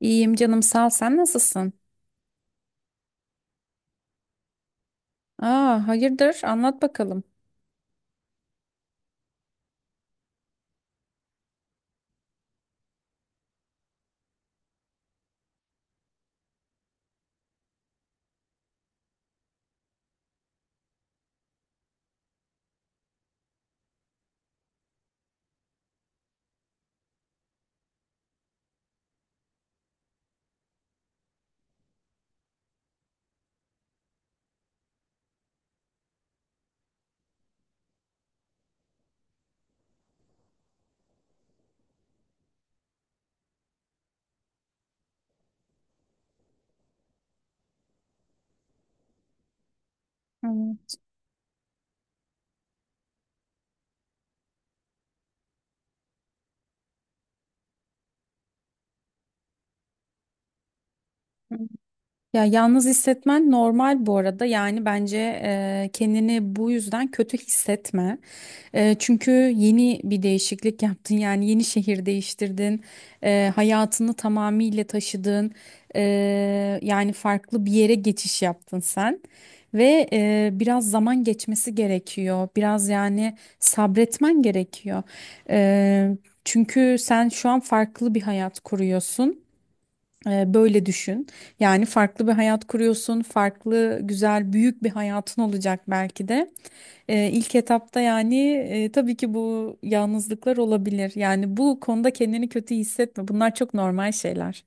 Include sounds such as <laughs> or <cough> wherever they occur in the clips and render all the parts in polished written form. İyiyim canım sağ ol. Sen nasılsın? Aa, hayırdır? Anlat bakalım. Hı hı. Ya yalnız hissetmen normal bu arada. Yani bence kendini bu yüzden kötü hissetme. Çünkü yeni bir değişiklik yaptın. Yani yeni şehir değiştirdin. Hayatını tamamıyla taşıdın. Eee, yani farklı bir yere geçiş yaptın sen. Ve biraz zaman geçmesi gerekiyor. Biraz yani sabretmen gerekiyor. Eee, çünkü sen şu an farklı bir hayat kuruyorsun. Böyle düşün. Yani farklı bir hayat kuruyorsun, farklı, güzel, büyük bir hayatın olacak belki de. İlk etapta yani tabii ki bu yalnızlıklar olabilir. Yani bu konuda kendini kötü hissetme. Bunlar çok normal şeyler.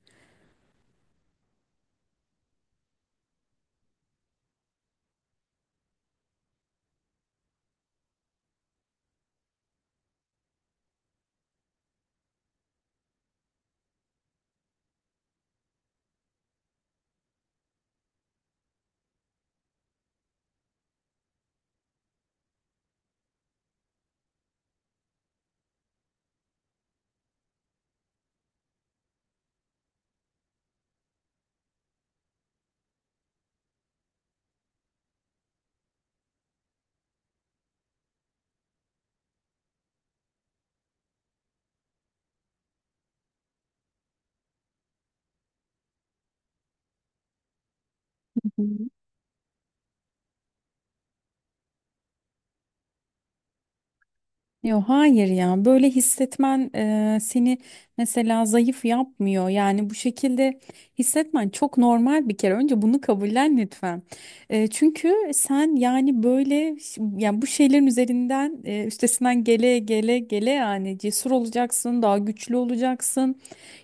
Yok hayır ya böyle hissetmen seni mesela zayıf yapmıyor. Yani bu şekilde hissetmen çok normal, bir kere önce bunu kabullen lütfen. Çünkü sen yani yani bu şeylerin üstesinden gele gele gele yani cesur olacaksın, daha güçlü olacaksın.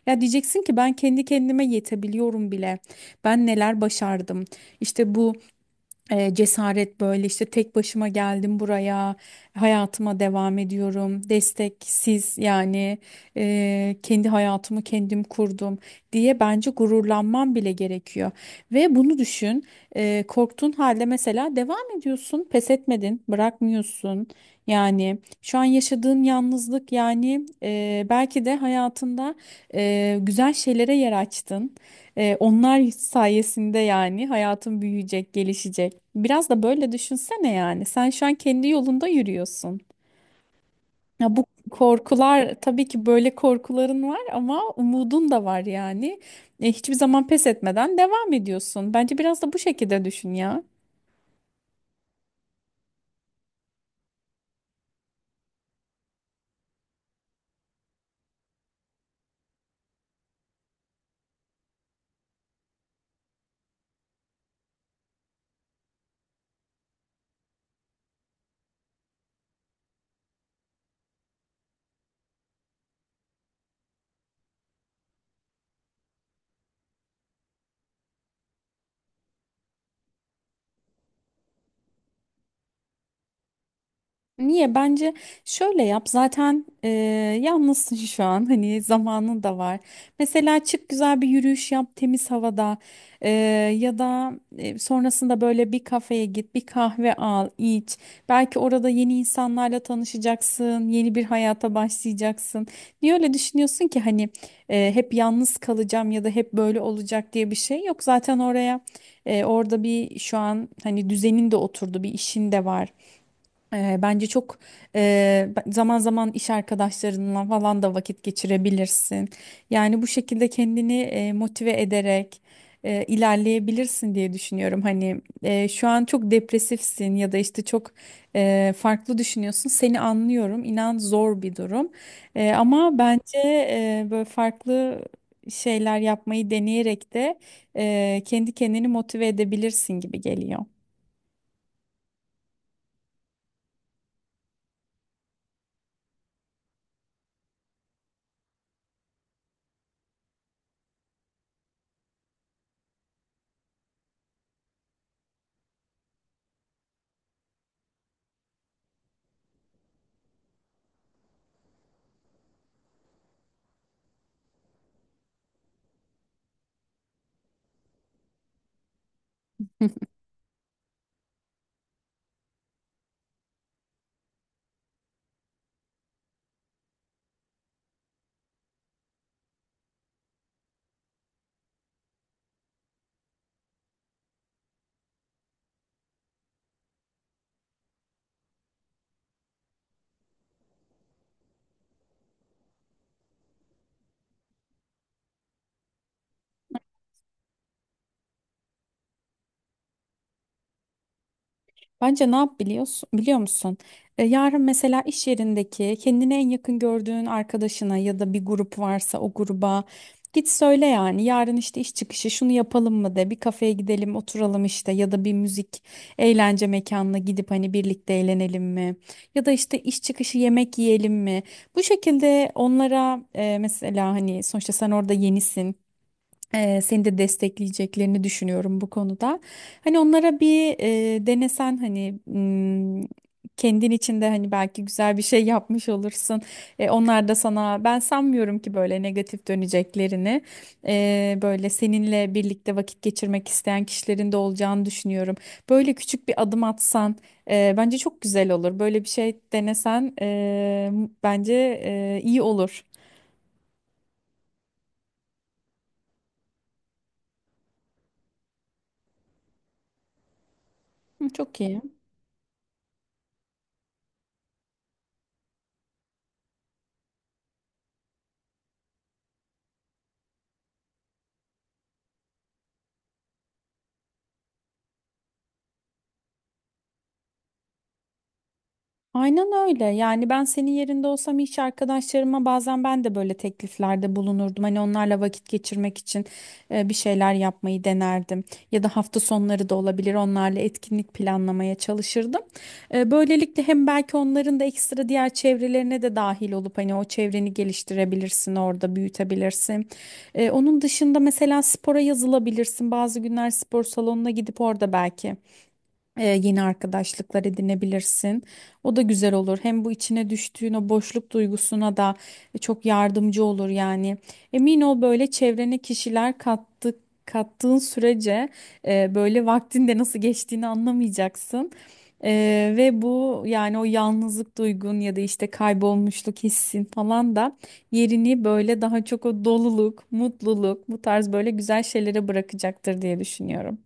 Ya diyeceksin ki ben kendi kendime yetebiliyorum bile, ben neler başardım, işte bu cesaret. Böyle işte tek başıma geldim buraya, hayatıma devam ediyorum desteksiz yani, kendi hayatımı kendim kurdum diye bence gururlanman bile gerekiyor. Ve bunu düşün, korktuğun halde mesela devam ediyorsun, pes etmedin, bırakmıyorsun. Yani şu an yaşadığın yalnızlık, yani belki de hayatında güzel şeylere yer açtın. Onlar sayesinde yani hayatın büyüyecek, gelişecek. Biraz da böyle düşünsene yani. Sen şu an kendi yolunda yürüyorsun. Ya bu korkular, tabii ki böyle korkuların var ama umudun da var yani. Hiçbir zaman pes etmeden devam ediyorsun. Bence biraz da bu şekilde düşün ya. Niye? Bence şöyle yap. Zaten yalnızsın şu an. <laughs> Hani zamanın da var. Mesela çık, güzel bir yürüyüş yap temiz havada. E, ya da sonrasında böyle bir kafeye git, bir kahve al, iç. Belki orada yeni insanlarla tanışacaksın, yeni bir hayata başlayacaksın. Niye öyle düşünüyorsun ki? Hani hep yalnız kalacağım ya da hep böyle olacak diye bir şey yok. Zaten orada bir şu an hani düzenin de oturdu, bir işin de var. Bence çok eee, zaman zaman iş arkadaşlarınla falan da vakit geçirebilirsin. Yani bu şekilde kendini motive ederek ilerleyebilirsin diye düşünüyorum. Hani şu an çok depresifsin ya da işte çok farklı düşünüyorsun. Seni anlıyorum. İnan zor bir durum. Ama bence böyle farklı şeyler yapmayı deneyerek de kendi kendini motive edebilirsin gibi geliyor. Bence ne yap biliyorsun, biliyor musun? Yarın mesela iş yerindeki kendine en yakın gördüğün arkadaşına ya da bir grup varsa o gruba git söyle yani. Yarın işte iş çıkışı şunu yapalım mı de, bir kafeye gidelim oturalım işte, ya da bir müzik eğlence mekanına gidip hani birlikte eğlenelim mi? Ya da işte iş çıkışı yemek yiyelim mi? Bu şekilde onlara mesela, hani sonuçta sen orada yenisin. Seni de destekleyeceklerini düşünüyorum bu konuda. Hani onlara bir, denesen hani, kendin içinde hani belki güzel bir şey yapmış olursun. Onlar da sana, ben sanmıyorum ki böyle negatif döneceklerini. Böyle seninle birlikte vakit geçirmek isteyen kişilerin de olacağını düşünüyorum. Böyle küçük bir adım atsan bence çok güzel olur. Böyle bir şey denesen bence iyi olur. Hı, çok iyi. Aynen öyle. Yani ben senin yerinde olsam iş arkadaşlarıma bazen ben de böyle tekliflerde bulunurdum. Hani onlarla vakit geçirmek için bir şeyler yapmayı denerdim. Ya da hafta sonları da olabilir. Onlarla etkinlik planlamaya çalışırdım. Böylelikle hem belki onların da ekstra diğer çevrelerine de dahil olup hani o çevreni geliştirebilirsin, orada büyütebilirsin. Onun dışında mesela spora yazılabilirsin. Bazı günler spor salonuna gidip orada belki yeni arkadaşlıklar edinebilirsin. O da güzel olur. Hem bu içine düştüğün o boşluk duygusuna da çok yardımcı olur yani. Emin ol, böyle çevrene kişiler kattık kattığın sürece böyle vaktin de nasıl geçtiğini anlamayacaksın. Ve bu yani o yalnızlık duygun ya da işte kaybolmuşluk hissin falan da yerini böyle daha çok o doluluk, mutluluk, bu tarz böyle güzel şeylere bırakacaktır diye düşünüyorum.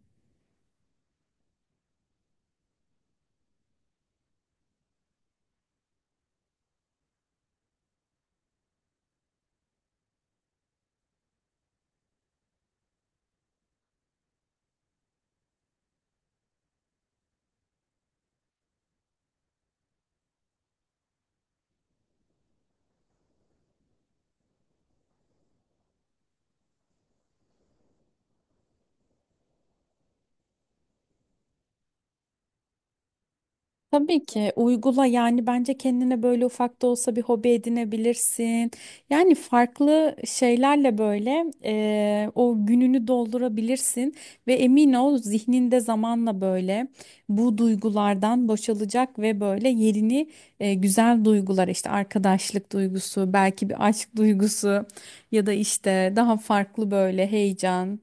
Tabii ki uygula yani. Bence kendine böyle ufak da olsa bir hobi edinebilirsin. Yani farklı şeylerle böyle o gününü doldurabilirsin ve emin ol, zihninde zamanla böyle bu duygulardan boşalacak ve böyle yerini güzel duygular, işte arkadaşlık duygusu, belki bir aşk duygusu, ya da işte daha farklı böyle heyecan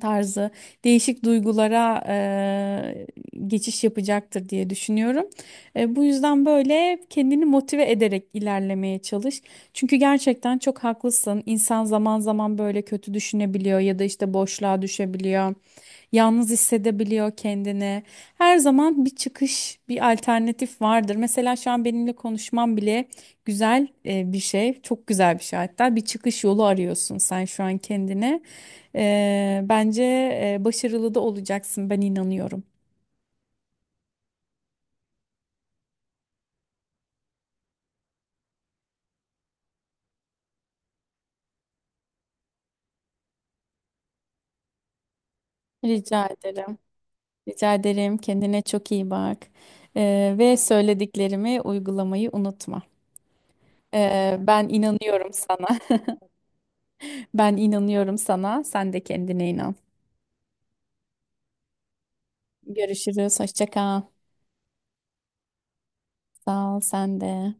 tarzı değişik duygulara geçiş yapacaktır diye düşünüyorum. Bu yüzden böyle kendini motive ederek ilerlemeye çalış. Çünkü gerçekten çok haklısın. İnsan zaman zaman böyle kötü düşünebiliyor ya da işte boşluğa düşebiliyor. Yalnız hissedebiliyor kendini. Her zaman bir çıkış, bir alternatif vardır. Mesela şu an benimle konuşmam bile güzel bir şey, çok güzel bir şey hatta. Bir çıkış yolu arıyorsun sen şu an kendine. Bence başarılı da olacaksın. Ben inanıyorum. Rica ederim. Rica ederim. Kendine çok iyi bak. Ve söylediklerimi uygulamayı unutma. Ben inanıyorum sana. <laughs> Ben inanıyorum sana. Sen de kendine inan. Görüşürüz. Hoşça kal. Sağ ol. Sen de.